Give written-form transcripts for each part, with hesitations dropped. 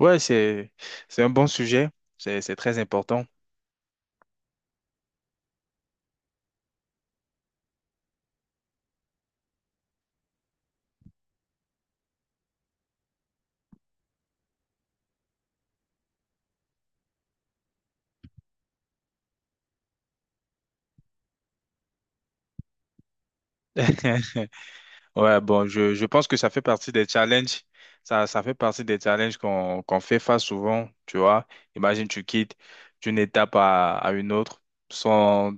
Ouais, c'est un bon sujet. C'est très important. Ouais, bon, je pense que ça fait partie des challenges. Ça fait partie des challenges qu'on fait face souvent, tu vois. Imagine, tu quittes d'une étape à une autre sans,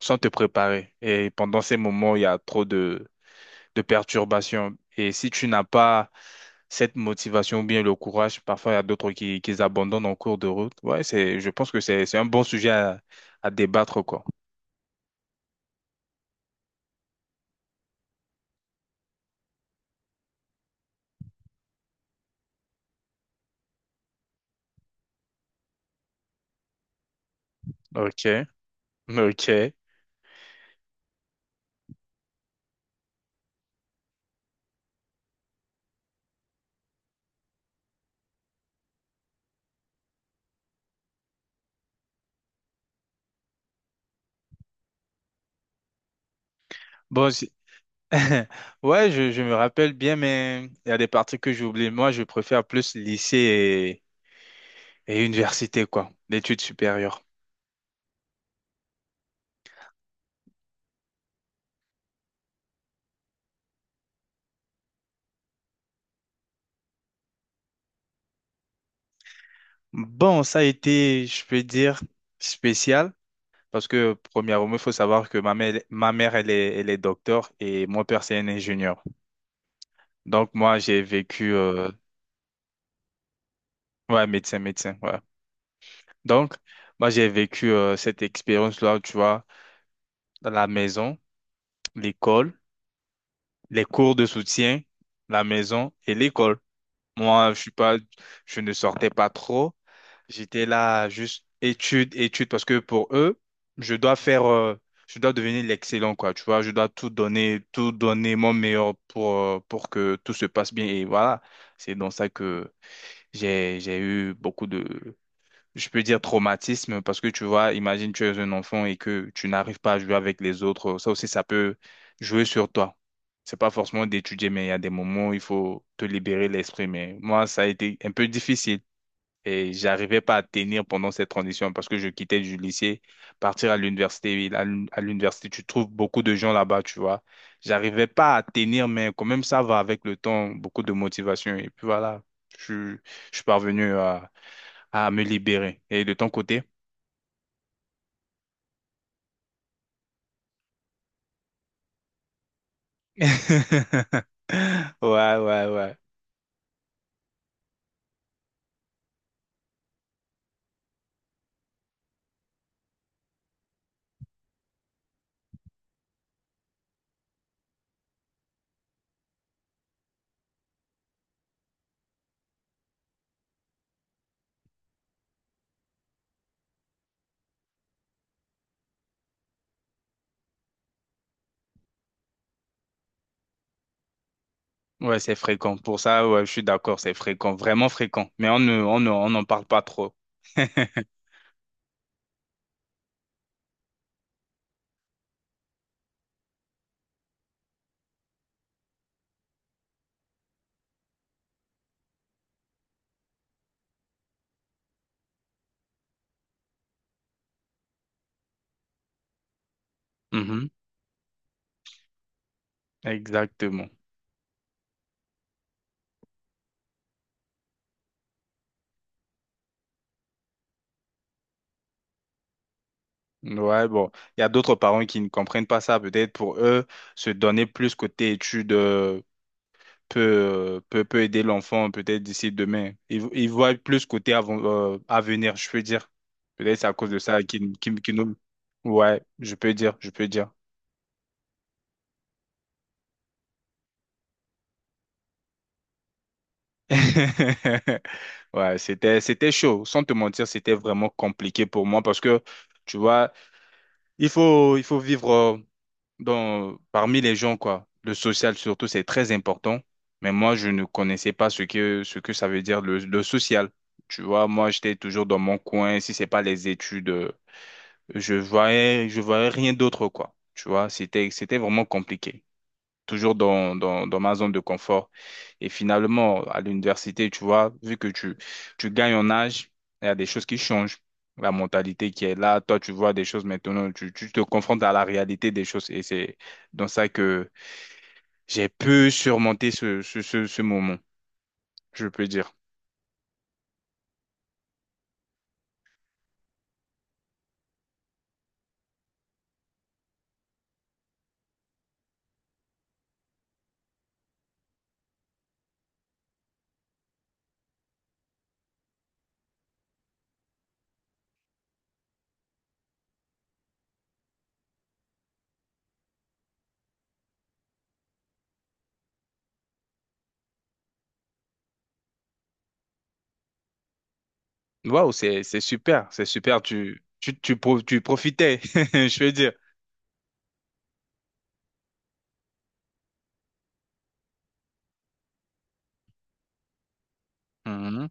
sans te préparer. Et pendant ces moments, il y a trop de perturbations. Et si tu n'as pas cette motivation ou bien le courage, parfois il y a d'autres qui abandonnent en cours de route. Ouais, c'est, je pense que c'est un bon sujet à débattre, quoi. Ok. Ok. Bon, c'est- ouais, je me rappelle bien, mais il y a des parties que j'oublie. Moi, je préfère plus lycée et université, quoi, l'étude supérieure. Bon, ça a été, je peux dire, spécial, parce que, premièrement, il faut savoir que ma mère, elle est docteur et mon père, c'est un ingénieur. Donc, moi, j'ai vécu, ouais, médecin, ouais. Donc, moi, j'ai vécu cette expérience-là, tu vois, dans la maison, l'école. Les cours de soutien, la maison et l'école. Moi, je ne sortais pas trop. J'étais là juste études, études, parce que pour eux, je dois faire, je dois devenir l'excellent, quoi. Tu vois, je dois tout donner mon meilleur pour que tout se passe bien. Et voilà, c'est dans ça que j'ai eu beaucoup de, je peux dire traumatisme parce que tu vois, imagine tu es un enfant et que tu n'arrives pas à jouer avec les autres, ça aussi ça peut jouer sur toi. C'est pas forcément d'étudier, mais il y a des moments où il faut te libérer l'esprit. Mais moi, ça a été un peu difficile et j'arrivais pas à tenir pendant cette transition parce que je quittais du lycée, partir à l'université. Et là, à l'université, tu trouves beaucoup de gens là-bas, tu vois. J'arrivais pas à tenir, mais quand même ça va avec le temps, beaucoup de motivation et puis voilà, je, je suis parvenu à me libérer. Et de ton côté? Ouais, ouais, ouais. Ouais, c'est fréquent. Pour ça, ouais, je suis d'accord, c'est fréquent, vraiment fréquent. Mais on n'en parle pas trop. Mhm, exactement. Ouais, bon, il y a d'autres parents qui ne comprennent pas ça. Peut-être pour eux, se donner plus côté études peut, peut aider l'enfant, peut-être d'ici demain. Ils voient plus côté avenir, je peux dire. Peut-être c'est à cause de ça qu'ils nous... Ouais, je peux dire, je peux dire. Ouais, c'était, c'était chaud. Sans te mentir, c'était vraiment compliqué pour moi parce que, tu vois, il faut vivre dans, parmi les gens, quoi. Le social, surtout, c'est très important. Mais moi, je ne connaissais pas ce que ça veut dire le social. Tu vois, moi, j'étais toujours dans mon coin. Si c'est pas les études, je voyais rien d'autre, quoi. Tu vois, c'était, c'était vraiment compliqué toujours dans ma zone de confort. Et finalement, à l'université, tu vois, vu que tu gagnes en âge, il y a des choses qui changent. La mentalité qui est là, toi, tu vois des choses maintenant, tu te confrontes à la réalité des choses. Et c'est dans ça que j'ai pu surmonter ce moment, je peux dire. Waouh, c'est super, tu profitais, je veux dire. Mhm.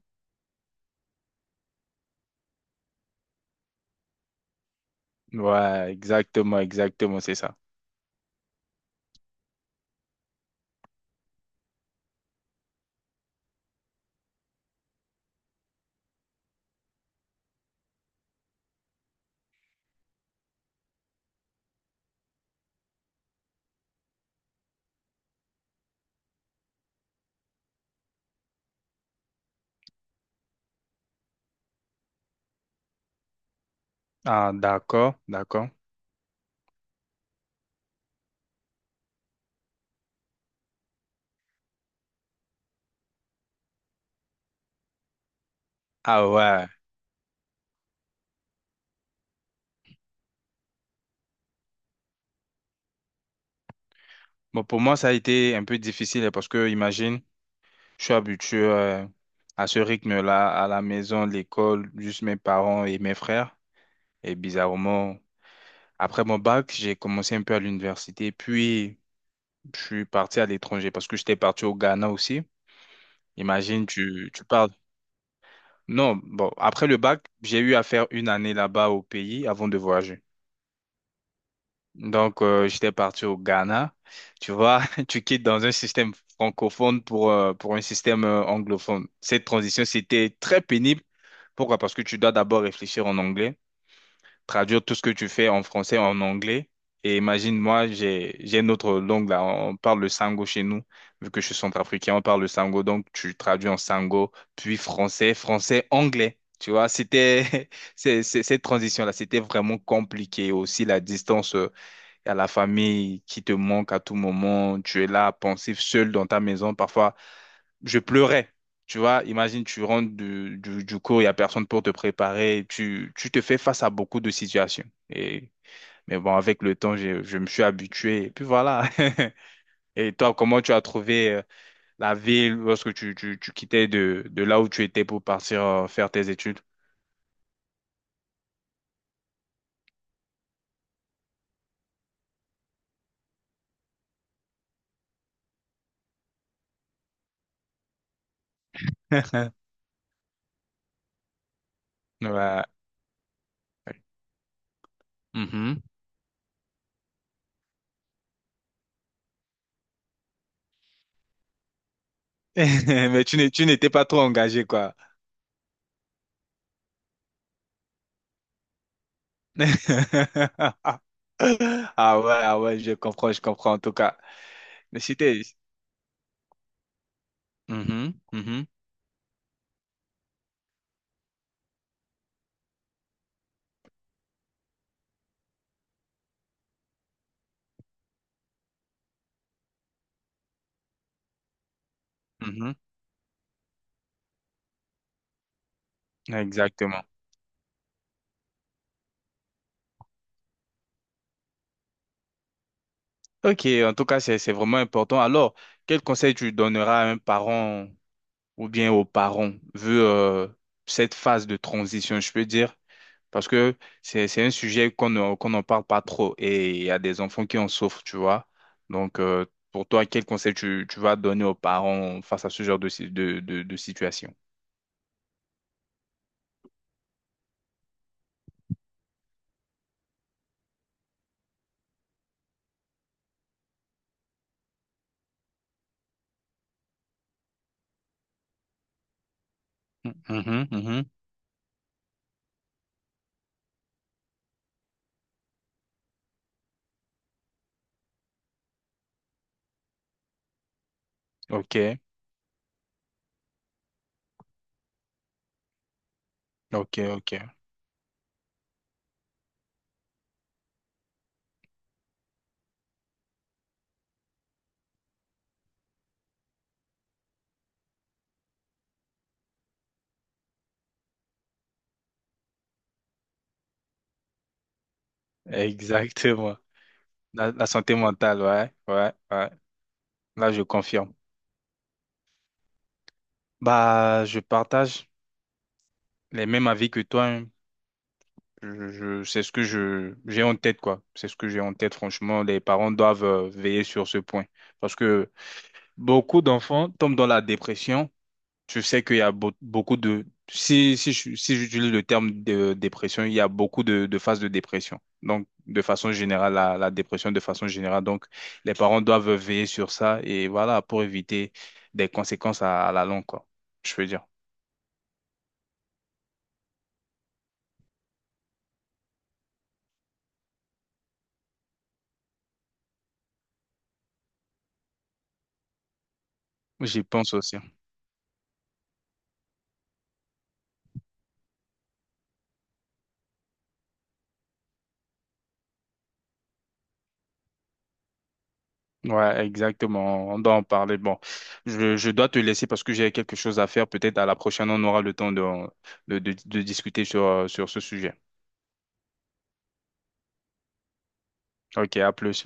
Ouais, exactement, exactement, c'est ça. Ah, d'accord, d'accord. Ah ouais. Bon, pour moi, ça a été un peu difficile hein, parce que, imagine, je suis habitué à ce rythme-là, à la maison, l'école, juste mes parents et mes frères. Et bizarrement, après mon bac, j'ai commencé un peu à l'université, puis je suis parti à l'étranger parce que j'étais parti au Ghana aussi. Imagine, tu parles. Non, bon, après le bac, j'ai eu à faire une année là-bas au pays avant de voyager. Donc, j'étais parti au Ghana. Tu vois, tu quittes dans un système francophone pour un système anglophone. Cette transition, c'était très pénible. Pourquoi? Parce que tu dois d'abord réfléchir en anglais, traduire tout ce que tu fais en français en anglais. Et imagine, moi, j'ai une autre langue là. On parle le sango chez nous. Vu que je suis centrafricain, on parle le sango. Donc, tu traduis en sango, puis français, français, anglais. Tu vois, c'était cette transition-là, c'était vraiment compliqué. Aussi, la distance. Il y a la famille qui te manque à tout moment. Tu es là, pensif, seul dans ta maison. Parfois, je pleurais. Tu vois, imagine, tu rentres du cours, il n'y a personne pour te préparer. Tu te fais face à beaucoup de situations. Et, mais bon, avec le temps, je me suis habitué. Et puis voilà. Et toi, comment tu as trouvé la ville lorsque tu quittais de là où tu étais pour partir faire tes études? Ouais. Mhm. Mais tu n'étais pas trop engagé, quoi. Ah ouais, ah ouais, je comprends en tout cas. Mais c'était... Mhm, mhm, mhm, exactement. Ok, en tout cas, c'est vraiment important. Alors, quel conseil tu donneras à un parent ou bien aux parents, vu cette phase de transition, je peux dire? Parce que c'est un sujet qu'on n'en parle pas trop et il y a des enfants qui en souffrent, tu vois. Donc, pour toi, quel conseil tu vas donner aux parents face à ce genre de, de situation? Mhm, mhm. Ok, ok, ok. Exactement. La santé mentale, ouais, ouais, ouais. Là, je confirme. Bah, je partage les mêmes avis que toi, hein. C'est ce que j'ai en tête, quoi. C'est ce que j'ai en tête, franchement. Les parents doivent veiller sur ce point. Parce que beaucoup d'enfants tombent dans la dépression. Tu sais qu'il y a beaucoup de... Si, si, si j'utilise le terme de dépression, il y a beaucoup de phases de dépression. Donc, de façon générale, la dépression de façon générale. Donc, les parents doivent veiller sur ça et voilà, pour éviter des conséquences à la longue, quoi. Je veux dire. J'y pense aussi. Ouais, exactement. On doit en parler. Bon, je dois te laisser parce que j'ai quelque chose à faire. Peut-être à la prochaine, on aura le temps de discuter sur ce sujet. Ok, à plus.